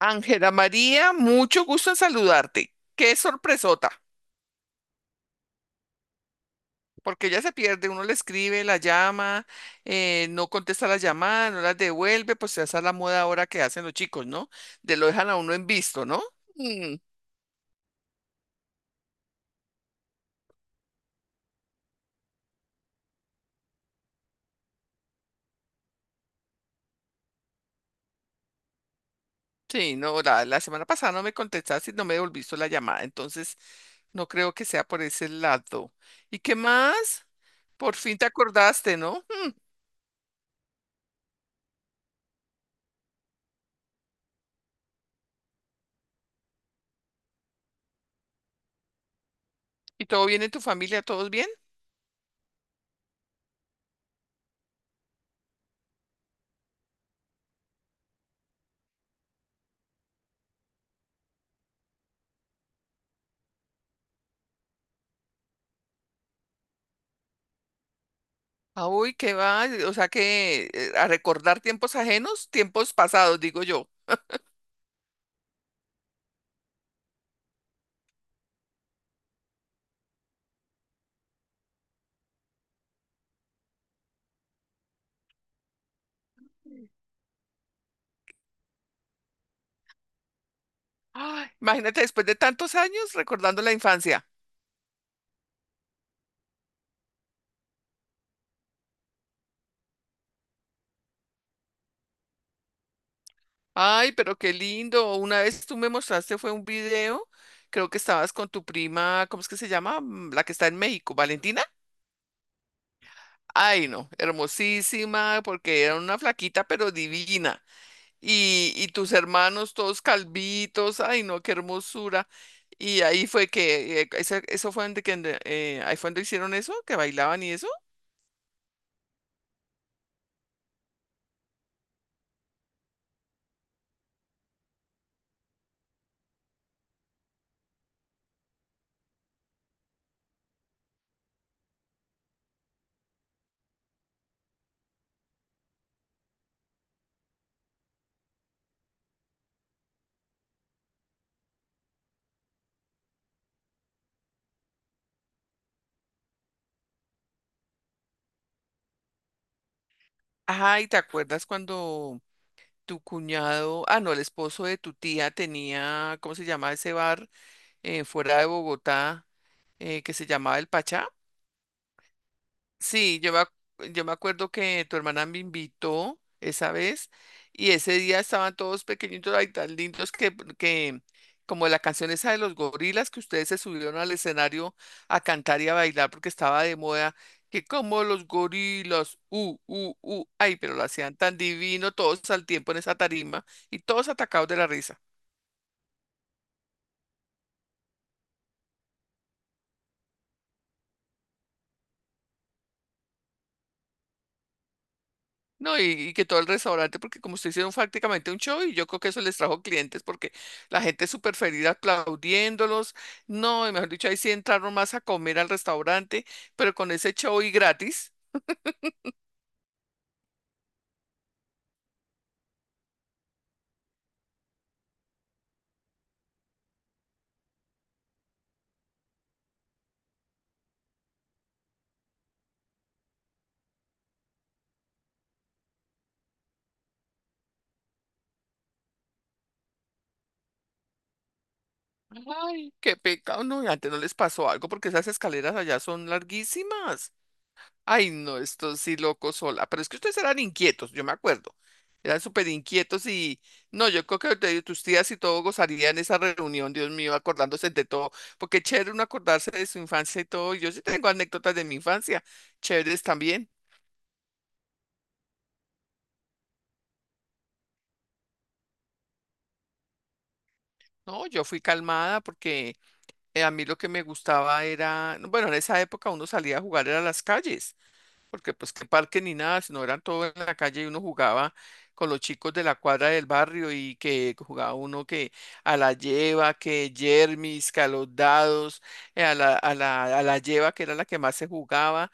Ángela María, mucho gusto en saludarte. Qué sorpresota, porque ella se pierde, uno le escribe, la llama, no contesta la llamada, no las devuelve, pues esa es la moda ahora que hacen los chicos, ¿no? De lo dejan a uno en visto, ¿no? Mm, sí, no, la semana pasada no me contestaste y no me devolviste la llamada, entonces no creo que sea por ese lado. ¿Y qué más? Por fin te acordaste, ¿no? Mm, ¿y todo bien en tu familia? ¿Todos bien? Ah, uy, qué va, o sea que a recordar tiempos ajenos, tiempos pasados, digo yo. Ay, imagínate después de tantos años recordando la infancia. Ay, pero qué lindo. Una vez tú me mostraste fue un video, creo que estabas con tu prima, ¿cómo es que se llama? Mm, la que está en México, Valentina. Ay, no, hermosísima, porque era una flaquita pero divina. Y, y tus hermanos todos calvitos, ay no, qué hermosura. Y ahí fue que, eso fue donde, que, ahí fue donde hicieron eso, que bailaban y eso. Ajá, ¿y te acuerdas cuando tu cuñado, ah no, el esposo de tu tía tenía, ¿cómo se llama ese bar fuera de Bogotá que se llamaba El Pachá? Sí, yo me acuerdo que tu hermana me invitó esa vez y ese día estaban todos pequeñitos ahí tan lindos que como la canción esa de los gorilas que ustedes se subieron al escenario a cantar y a bailar porque estaba de moda, que como los gorilas, ay, pero lo hacían tan divino todos al tiempo en esa tarima y todos atacados de la risa. No, y que todo el restaurante, porque como usted hicieron prácticamente un show y yo creo que eso les trajo clientes porque la gente es súper feliz aplaudiéndolos. No, y mejor dicho, ahí sí entraron más a comer al restaurante, pero con ese show y gratis. Ay, qué pecado, no, y antes no les pasó algo porque esas escaleras allá son larguísimas. Ay, no, esto sí loco sola. Pero es que ustedes eran inquietos, yo me acuerdo. Eran súper inquietos y no, yo creo que tus tías y todo gozarían esa reunión, Dios mío, acordándose de todo. Porque chévere uno acordarse de su infancia y todo. Yo sí tengo anécdotas de mi infancia, chéveres también. No, yo fui calmada porque a mí lo que me gustaba era, bueno, en esa época uno salía a jugar era a las calles. Porque pues que parque ni nada, sino eran todo en la calle y uno jugaba con los chicos de la cuadra del barrio y que jugaba uno que a la lleva, que yermis, que a los dados, a la lleva que era la que más se jugaba.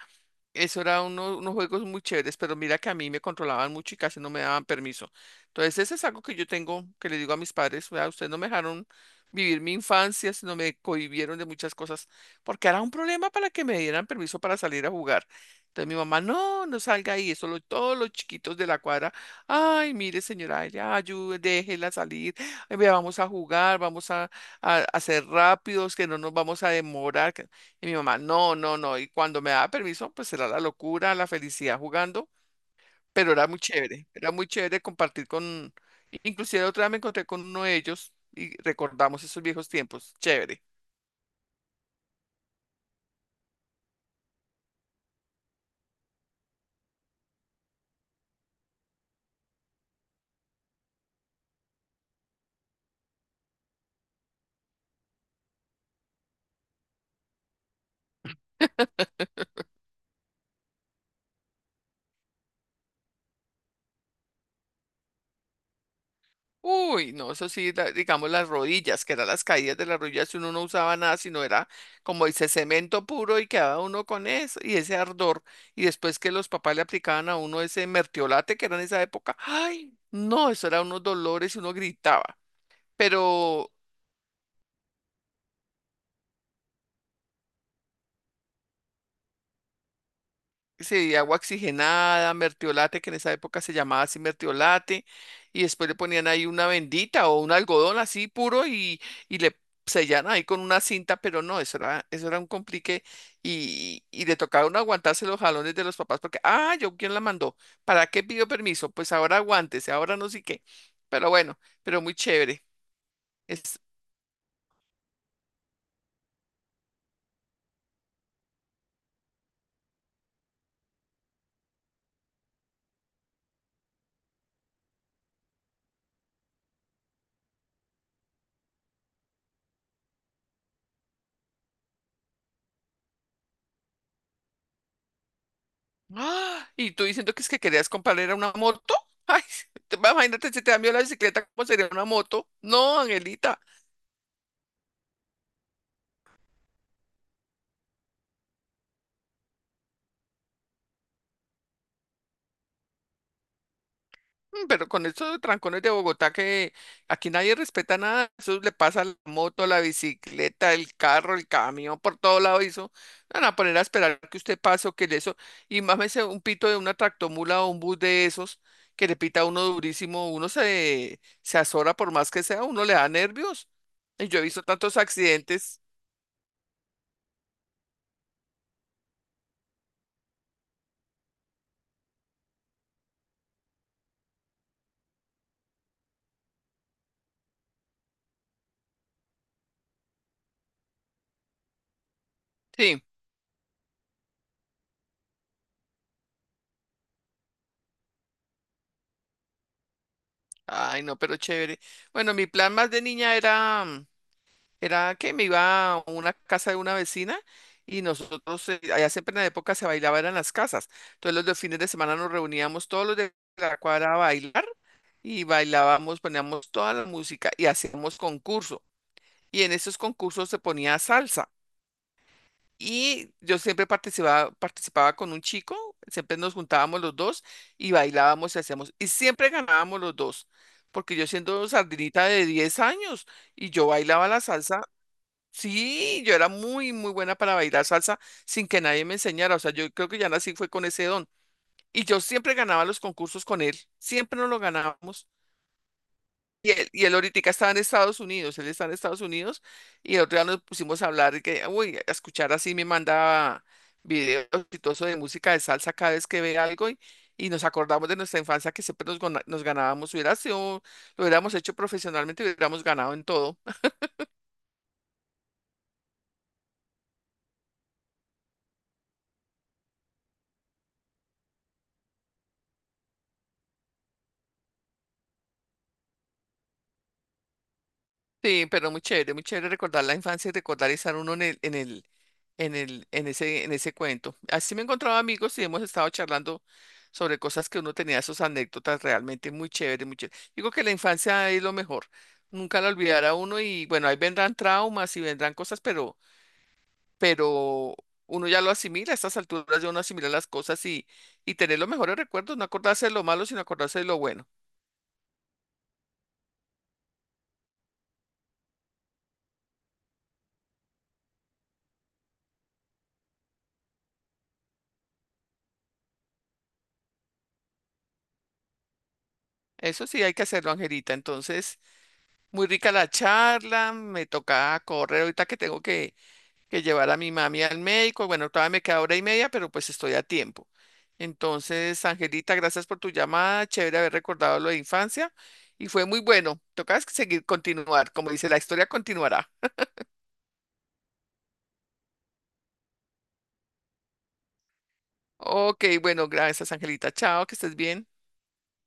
Eso era unos juegos muy chéveres, pero mira que a mí me controlaban mucho y casi no me daban permiso. Entonces, ese es algo que yo tengo, que le digo a mis padres, vea, ustedes no me dejaron vivir mi infancia, sino me cohibieron de muchas cosas, porque era un problema para que me dieran permiso para salir a jugar. Entonces mi mamá, no, no salga ahí, todos los chiquitos de la cuadra, ay, mire señora, ya ayude, déjela salir, ay, vea, vamos a jugar, a ser rápidos, que no nos vamos a demorar. Y mi mamá, no, no, no. Y cuando me daba permiso, pues era la locura, la felicidad jugando, pero era muy chévere compartir con, inclusive otra vez me encontré con uno de ellos y recordamos esos viejos tiempos, chévere. Uy, no, eso sí, digamos las rodillas, que eran las caídas de las rodillas, si uno no usaba nada, sino era como dice cemento puro y quedaba uno con eso y ese ardor. Y después que los papás le aplicaban a uno ese mertiolate que era en esa época, ay, no, eso era unos dolores y uno gritaba. Pero sí, agua oxigenada, mertiolate, que en esa época se llamaba así mertiolate, y después le ponían ahí una vendita o un algodón así puro y le sellan ahí con una cinta, pero no, eso era un complique y le tocaron aguantarse los jalones de los papás porque, ah, yo quién la mandó, ¿para qué pidió permiso? Pues ahora aguántese, ahora no sé qué, pero bueno, pero muy chévere. Es ¡Ah! Y tú diciendo que es que querías comprar era una moto. Ay, imagínate si te cambió la bicicleta, ¿cómo sería una moto? No, Angelita. Mm, pero con estos trancones de Bogotá que aquí nadie respeta nada, eso le pasa a la moto, la bicicleta, el carro, el camión, por todo lado eso. Van a poner a esperar que usted pase o que le eso. Y mámese un pito de una tractomula o un bus de esos que le pita a uno durísimo, uno se azora por más que sea, uno le da nervios. Y yo he visto tantos accidentes. Sí. Ay, no, pero chévere. Bueno, mi plan más de niña era, mm, era que me iba a una casa de una vecina y nosotros, allá siempre en la época se bailaba eran las casas. Entonces los de fines de semana nos reuníamos todos los de la cuadra a bailar y bailábamos, poníamos toda la música y hacíamos concurso. Y en esos concursos se ponía salsa. Y yo siempre participaba, participaba con un chico, siempre nos juntábamos los dos y bailábamos y hacíamos, y siempre ganábamos los dos, porque yo siendo sardinita de 10 años y yo bailaba la salsa, sí, yo era muy, muy buena para bailar salsa sin que nadie me enseñara, o sea, yo creo que ya nací fue con ese don. Y yo siempre ganaba los concursos con él, siempre nos lo ganábamos. Y él ahorita estaba en Estados Unidos, él está en Estados Unidos y el otro día nos pusimos a hablar y que, uy, a escuchar así me manda videos y todo eso de música de salsa cada vez que ve algo y nos acordamos de nuestra infancia que siempre nos, nos ganábamos, hubiera sido, lo hubiéramos hecho profesionalmente, hubiéramos ganado en todo. Sí, pero muy chévere recordar la infancia y recordar estar uno en ese cuento. Así me he encontrado amigos y hemos estado charlando sobre cosas que uno tenía, sus anécdotas realmente muy chévere, muy chévere. Digo que la infancia es lo mejor, nunca la olvidará uno y bueno, ahí vendrán traumas y vendrán cosas, pero uno ya lo asimila, a estas alturas ya uno asimila las cosas y tener los mejores recuerdos, no acordarse de lo malo, sino acordarse de lo bueno. Eso sí hay que hacerlo, Angelita. Entonces, muy rica la charla, me toca correr ahorita que tengo que llevar a mi mami al médico. Bueno, todavía me queda hora y media, pero pues estoy a tiempo. Entonces, Angelita, gracias por tu llamada. Chévere haber recordado lo de infancia. Y fue muy bueno. Tocas seguir continuar. Como dice, la historia continuará. Ok, bueno, gracias, Angelita. Chao, que estés bien.